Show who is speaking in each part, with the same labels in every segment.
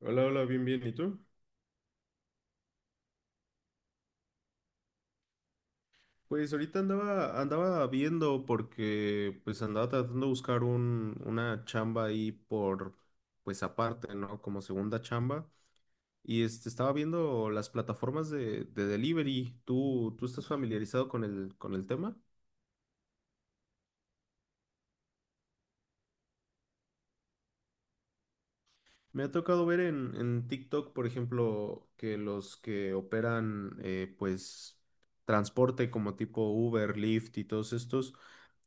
Speaker 1: Hola, hola, bien, bien. ¿Y tú? Pues ahorita andaba viendo porque pues andaba tratando de buscar una chamba ahí por, pues aparte, ¿no? Como segunda chamba. Y estaba viendo las plataformas de delivery. ¿Tú estás familiarizado con con el tema? Me ha tocado ver en TikTok, por ejemplo, que los que operan, pues, transporte como tipo Uber, Lyft y todos estos,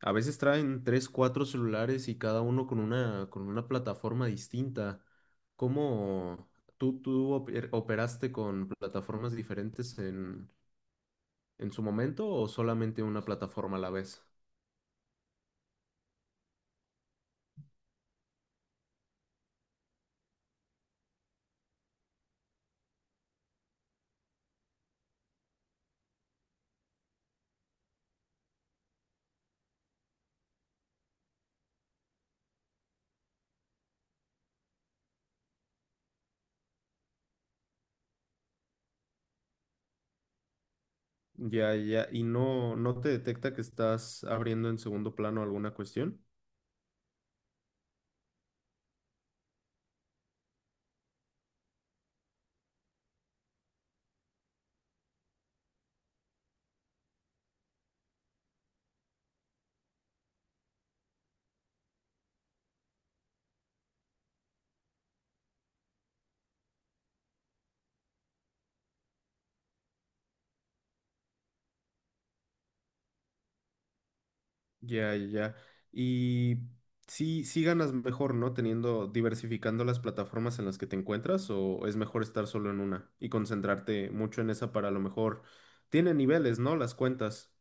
Speaker 1: a veces traen tres, cuatro celulares y cada uno con con una plataforma distinta. ¿Cómo tú operaste con plataformas diferentes en su momento o solamente una plataforma a la vez? Ya, ya. ¿Y no te detecta que estás abriendo en segundo plano alguna cuestión? Ya, ya, ya. Y sí, sí ganas mejor, ¿no? Teniendo, diversificando las plataformas en las que te encuentras, o es mejor estar solo en una y concentrarte mucho en esa para a lo mejor. Tiene niveles, ¿no? Las cuentas.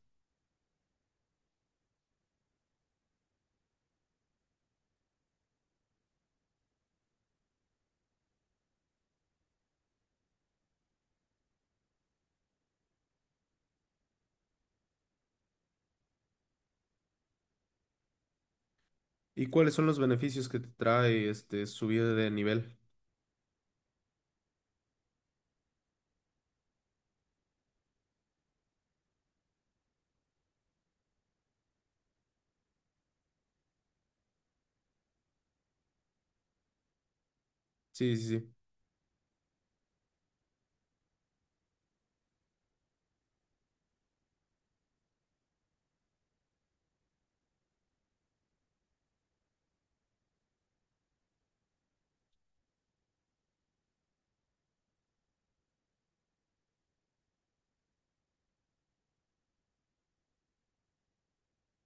Speaker 1: ¿Y cuáles son los beneficios que te trae este subir de nivel? Sí, sí, sí.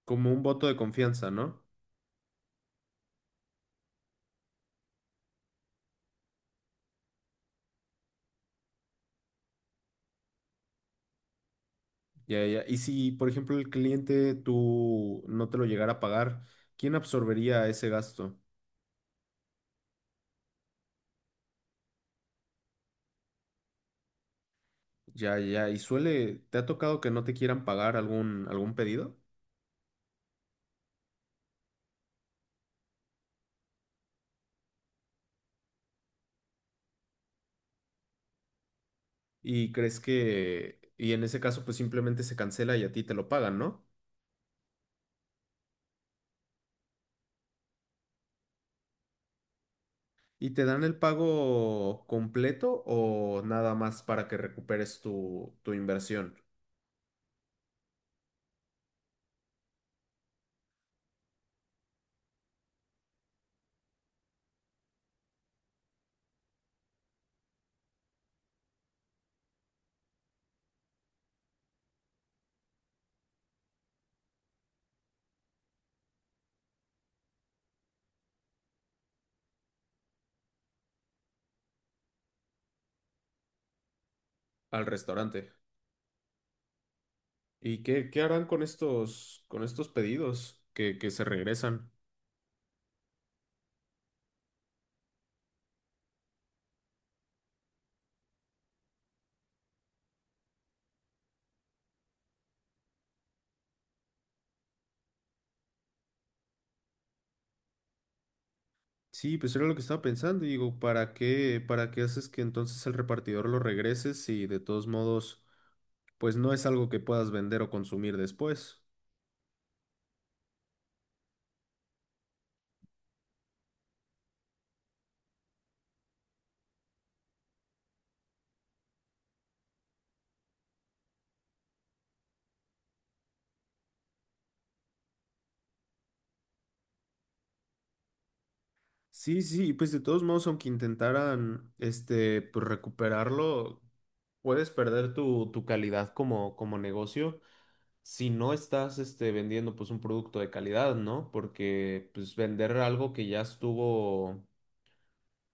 Speaker 1: Como un voto de confianza, ¿no? Ya, ya. Y si, por ejemplo, el cliente tú no te lo llegara a pagar, ¿quién absorbería ese gasto? Ya, ya. ¿Y suele, te ha tocado que no te quieran pagar algún pedido? Y crees que, y en ese caso pues simplemente se cancela y a ti te lo pagan, ¿no? ¿Y te dan el pago completo o nada más para que recuperes tu inversión al restaurante? ¿Y qué harán con con estos pedidos que se regresan? Sí, pues era lo que estaba pensando y digo, ¿para para qué haces que entonces el repartidor lo regrese si de todos modos pues no es algo que puedas vender o consumir después? Sí, sí, pues de todos modos, aunque intentaran este, pues recuperarlo, puedes perder tu calidad como negocio si no estás este, vendiendo pues un producto de calidad, ¿no? Porque pues vender algo que ya estuvo,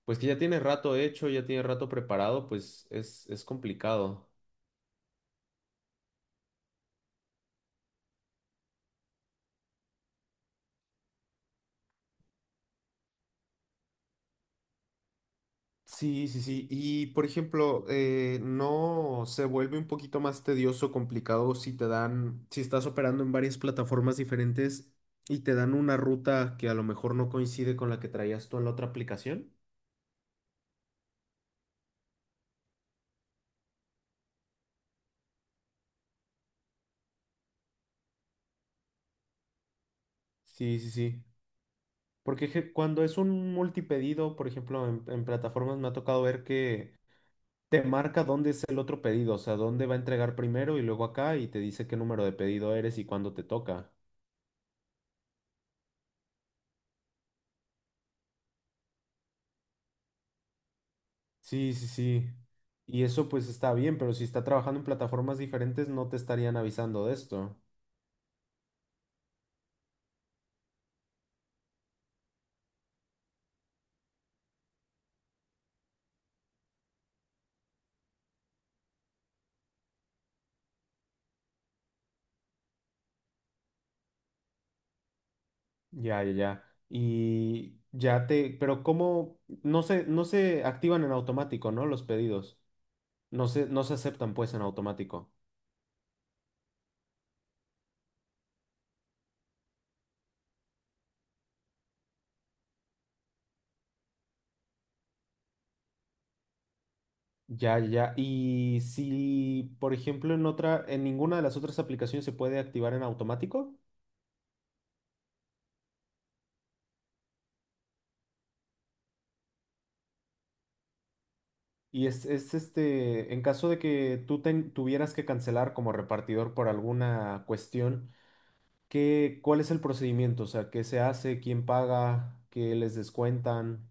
Speaker 1: pues que ya tiene rato hecho, ya tiene rato preparado, pues es complicado. Sí, sí, sí. Y por ejemplo, ¿no se vuelve un poquito más tedioso, complicado si te dan, si estás operando en varias plataformas diferentes y te dan una ruta que a lo mejor no coincide con la que traías tú en la otra aplicación? Sí, sí, sí. Porque cuando es un multipedido, por ejemplo, en plataformas me ha tocado ver que te marca dónde es el otro pedido, o sea, dónde va a entregar primero y luego acá y te dice qué número de pedido eres y cuándo te toca. Sí, sí, sí. Y eso pues está bien, pero si está trabajando en plataformas diferentes no te estarían avisando de esto. Ya, ya, ya. Y ya te, pero ¿cómo? No se activan en automático, ¿no? Los pedidos. No se aceptan pues en automático. Ya, ya. Y si, por ejemplo, en ninguna de las otras aplicaciones se puede activar en automático. Y es este, en caso de que tú tuvieras que cancelar como repartidor por alguna cuestión. ¿Qué, cuál es el procedimiento? O sea, ¿qué se hace? ¿Quién paga? ¿Qué les descuentan?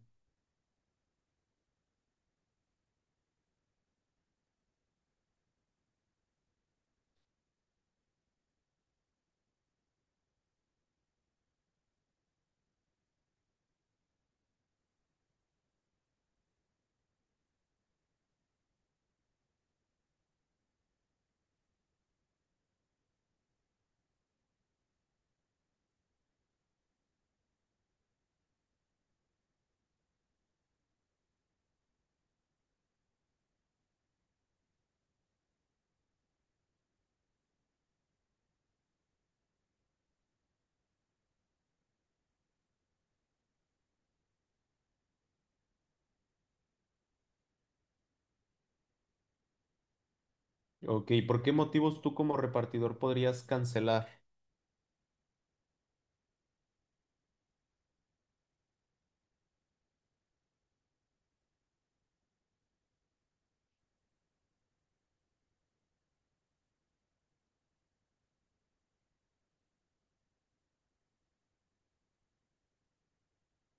Speaker 1: Ok, ¿por qué motivos tú como repartidor podrías cancelar?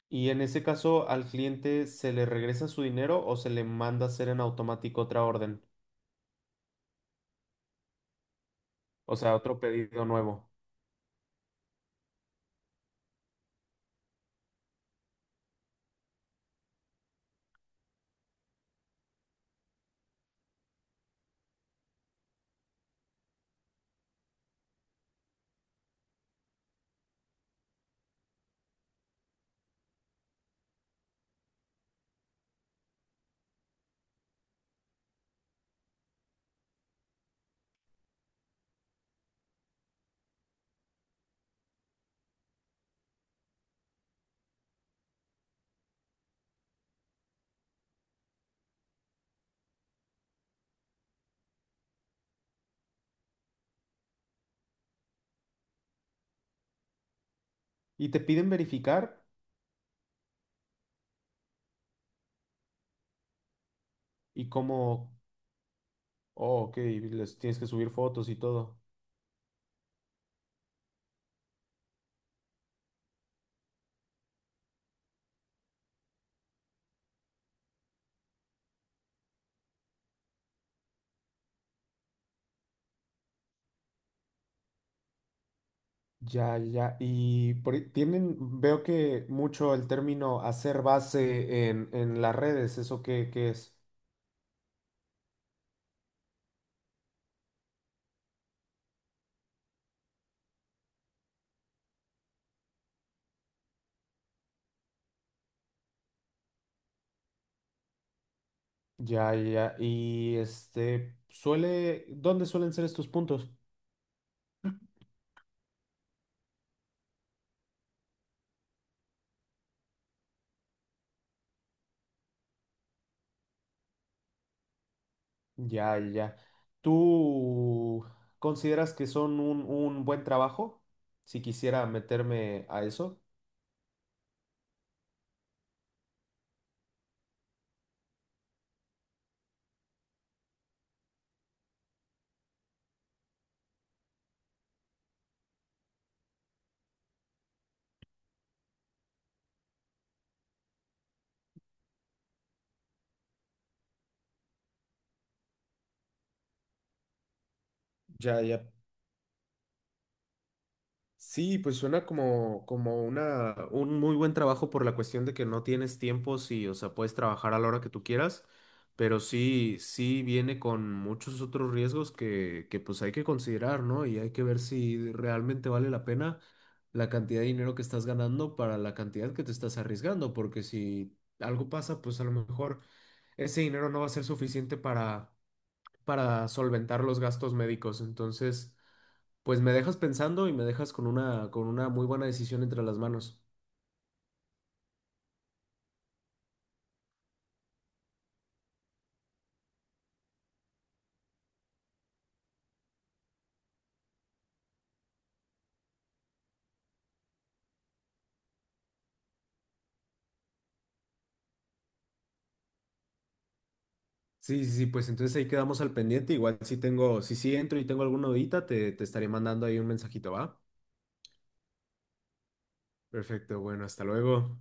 Speaker 1: Y en ese caso, ¿al cliente se le regresa su dinero o se le manda a hacer en automático otra orden? O sea, otro pedido nuevo. Y te piden verificar y cómo, oh, ok, les tienes que subir fotos y todo. Ya, ya. Y por ahí tienen, veo que mucho el término hacer base en las redes, ¿eso qué, qué es? Ya, ya. Y este, suele, ¿dónde suelen ser estos puntos? Ya, ya. ¿Tú consideras que son un buen trabajo? Si quisiera meterme a eso. Ya, ya. Sí, pues suena como, como una, un muy buen trabajo por la cuestión de que no tienes tiempo, sí, o sea, puedes trabajar a la hora que tú quieras, pero sí, sí viene con muchos otros riesgos que pues hay que considerar, ¿no? Y hay que ver si realmente vale la pena la cantidad de dinero que estás ganando para la cantidad que te estás arriesgando, porque si algo pasa, pues a lo mejor ese dinero no va a ser suficiente para solventar los gastos médicos, entonces... Pues me dejas pensando y me dejas con una muy buena decisión entre las manos. Sí, sí, sí, pues entonces ahí quedamos al pendiente. Igual si tengo, si sí entro y tengo alguna dudita, te estaré mandando ahí un mensajito, ¿va? Perfecto, bueno, hasta luego.